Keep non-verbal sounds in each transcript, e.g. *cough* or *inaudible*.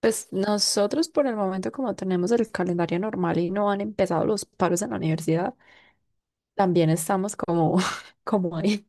Pues nosotros por el momento, como tenemos el calendario normal y no han empezado los paros en la universidad, también estamos como, *laughs* como ahí.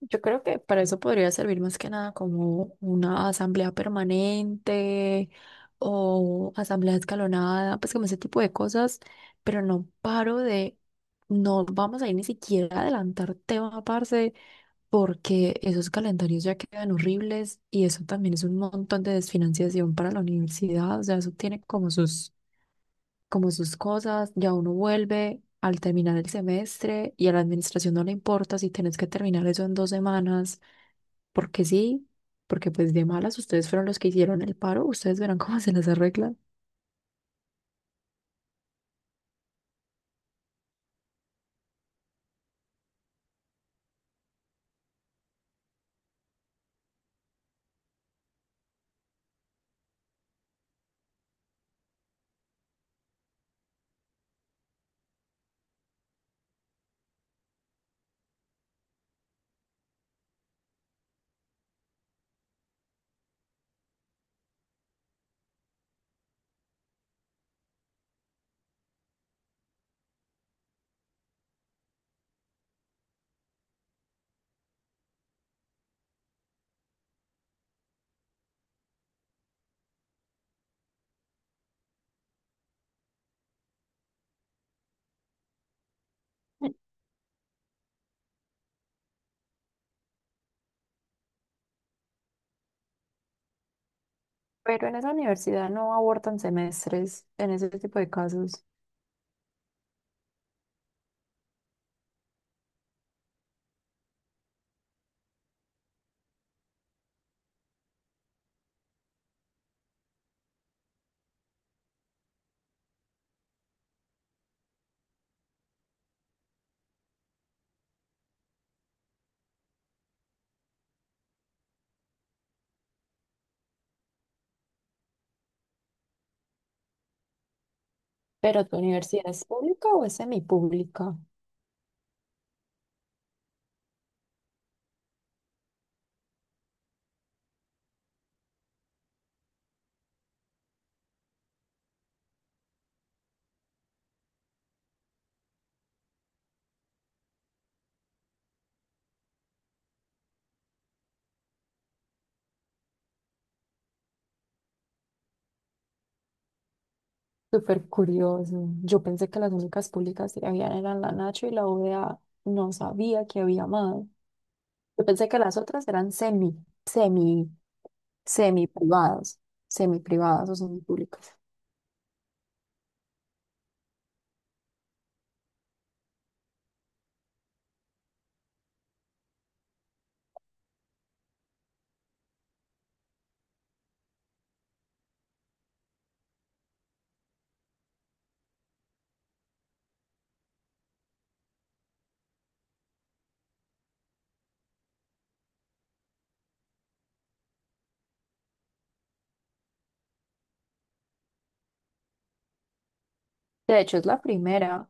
Yo creo que para eso podría servir más que nada como una asamblea permanente o asamblea escalonada, pues como ese tipo de cosas, pero no paro de, no vamos a ir ni siquiera a adelantar tema, parce, porque esos calendarios ya quedan horribles y eso también es un montón de desfinanciación para la universidad, o sea, eso tiene como sus cosas, ya uno vuelve al terminar el semestre y a la administración no le importa si tenés que terminar eso en dos semanas, porque sí, porque pues de malas ustedes fueron los que hicieron el paro, ustedes verán *laughs* cómo se les arregla. Pero en esa universidad no abortan semestres en ese tipo de casos. ¿Pero tu universidad es pública o es semipública? Súper curioso. Yo pensé que las únicas públicas que habían eran la Nacho y la UDA. No sabía que había más. Yo pensé que las otras eran semi, semi, semi privadas, semi privadas o semi públicas. De hecho, es la primera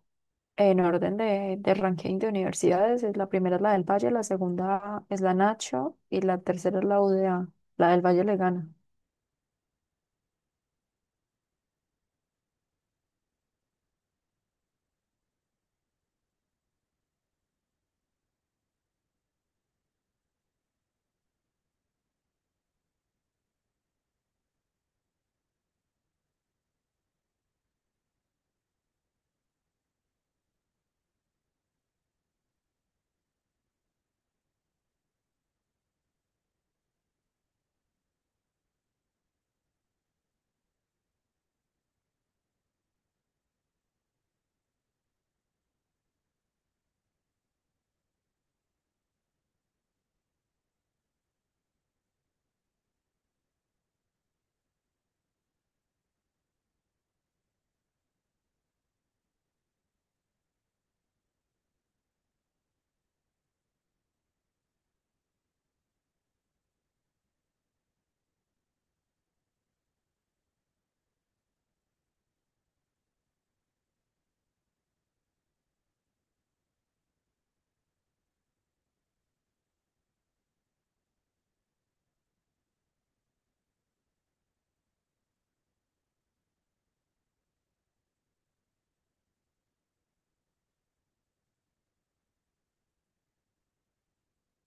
en orden de ranking de universidades. Es la primera es la del Valle, la segunda es la Nacho y la tercera es la UDA. La del Valle le gana.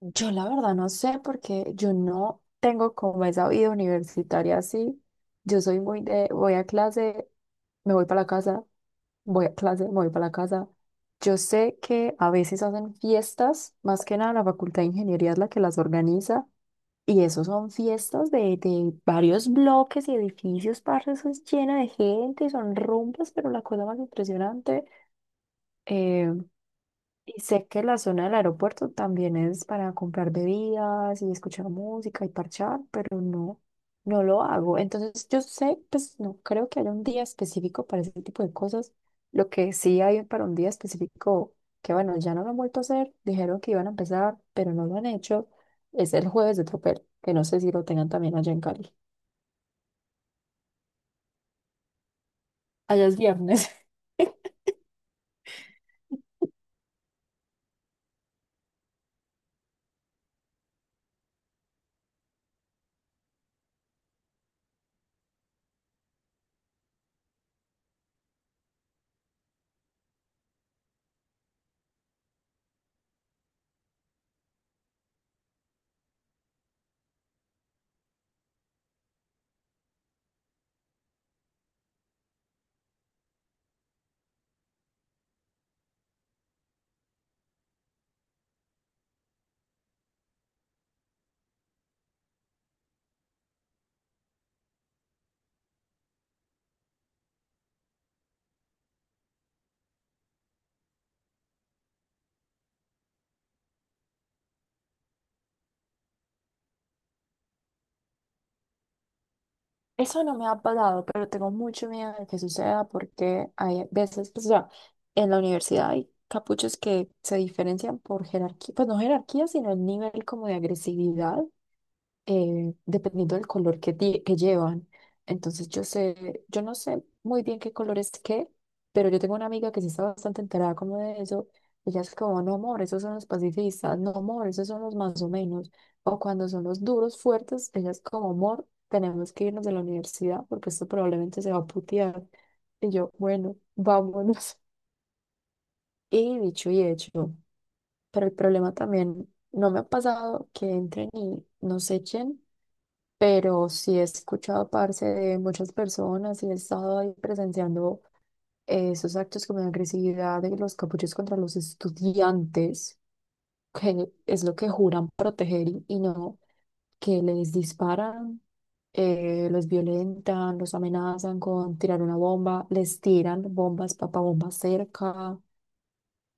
Yo la verdad no sé porque yo no tengo como esa vida universitaria así. Yo soy muy de, voy a clase, me voy para la casa, voy a clase, me voy para la casa. Yo sé que a veces hacen fiestas, más que nada la Facultad de Ingeniería es la que las organiza, y eso son fiestas de varios bloques y edificios, parce, eso es llena de gente, son rumbas, pero la cosa más impresionante. eh, y sé que la zona del aeropuerto también es para comprar bebidas y escuchar música y parchar, pero no, no lo hago. Entonces yo sé, pues no creo que haya un día específico para ese tipo de cosas. Lo que sí hay para un día específico, que bueno, ya no lo han vuelto a hacer, dijeron que iban a empezar, pero no lo han hecho, es el jueves de tropel, que no sé si lo tengan también allá en Cali. Allá es viernes. *laughs* Eso no me ha pasado, pero tengo mucho miedo de que suceda porque hay veces, pues, o sea, en la universidad hay capuchos que se diferencian por jerarquía, pues no jerarquía, sino el nivel como de agresividad. Dependiendo del color que, que llevan. Entonces yo sé, yo no sé muy bien qué color es qué, pero yo tengo una amiga que sí está bastante enterada como de eso. Ella es como, no amor, esos son los pacifistas, no amor, esos son los más o menos. O cuando son los duros, fuertes, ella es como, amor, tenemos que irnos de la universidad porque esto probablemente se va a putear. Y yo, bueno, *laughs* vámonos. Y dicho y hecho. Pero el problema también, no me ha pasado que entren y nos echen, pero sí he escuchado parte de muchas personas y he estado ahí presenciando esos actos como de agresividad de los capuchos contra los estudiantes, que es lo que juran proteger y no, que les disparan, los violentan, los amenazan con tirar una bomba, les tiran bombas, papabombas cerca.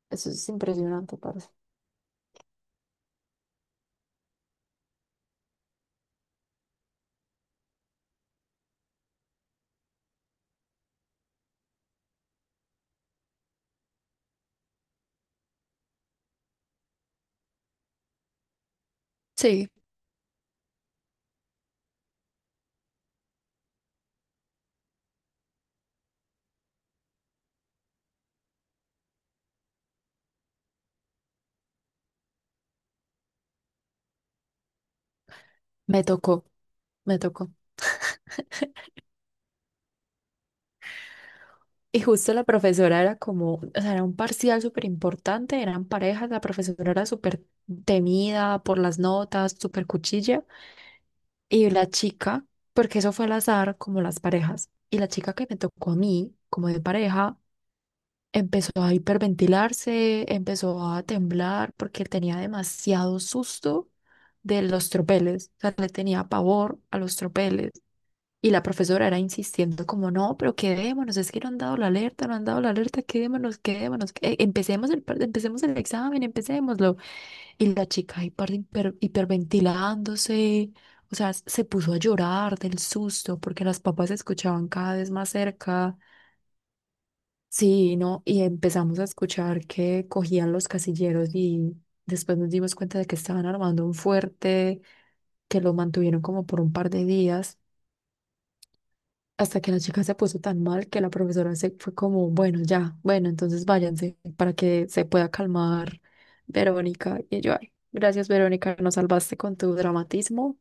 Eso es impresionante, parce. Sí. Me tocó, me tocó. *laughs* Y justo la profesora era como, o sea, era un parcial súper importante, eran parejas, la profesora era súper temida por las notas, súper cuchilla. Y la chica, porque eso fue al azar, como las parejas, y la chica que me tocó a mí, como de pareja, empezó a hiperventilarse, empezó a temblar porque tenía demasiado susto de los tropeles. O sea, le tenía pavor a los tropeles. Y la profesora era insistiendo como, no, pero quedémonos, es que no han dado la alerta, no han dado la alerta, quedémonos, quedémonos, empecemos empecemos el examen, empecémoslo. Y la chica hiperventilándose, o sea, se puso a llorar del susto porque las papas se escuchaban cada vez más cerca. Sí, no, y empezamos a escuchar que cogían los casilleros y después nos dimos cuenta de que estaban armando un fuerte, que lo mantuvieron como por un par de días, hasta que la chica se puso tan mal que la profesora se fue como, bueno, ya, bueno, entonces váyanse para que se pueda calmar Verónica. Y yo, ay, gracias Verónica, nos salvaste con tu dramatismo,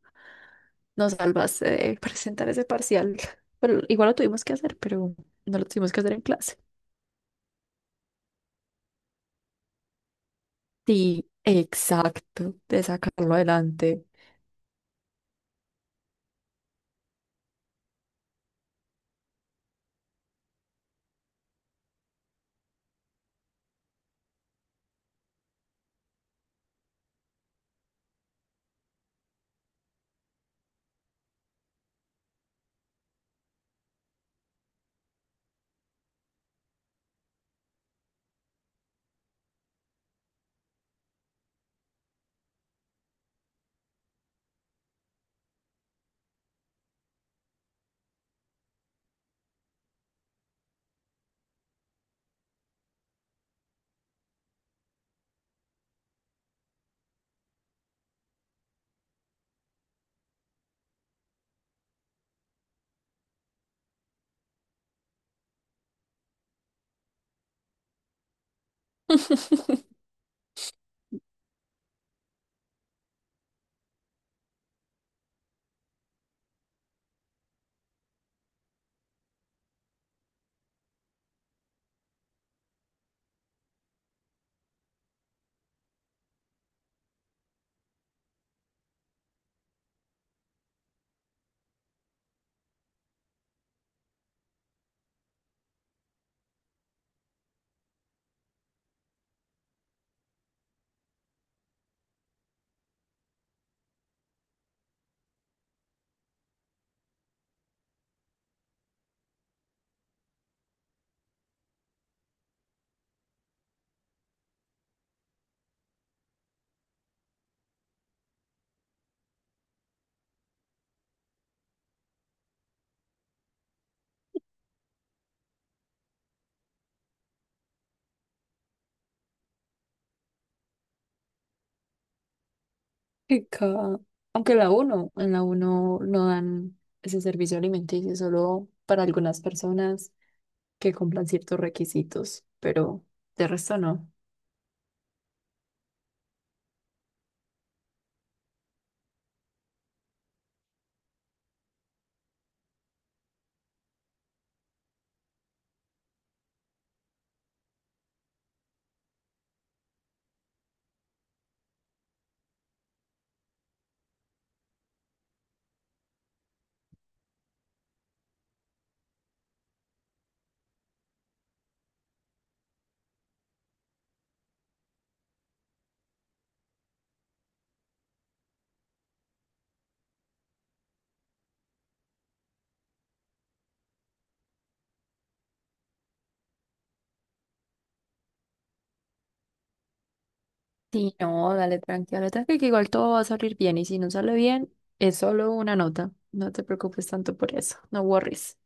nos salvaste de presentar ese parcial. *laughs* Pero igual lo tuvimos que hacer, pero no lo tuvimos que hacer en clase. Sí, exacto, de sacarlo adelante. *laughs* Qué ca- Aunque la uno, en la uno no dan ese servicio alimenticio solo para algunas personas que cumplan ciertos requisitos, pero de resto no. Sí, no, dale tranquila, dale tranqui, que igual todo va a salir bien y si no sale bien, es solo una nota. No te preocupes tanto por eso, no worries.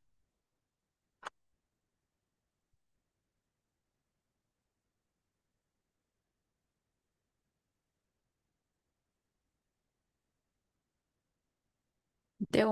De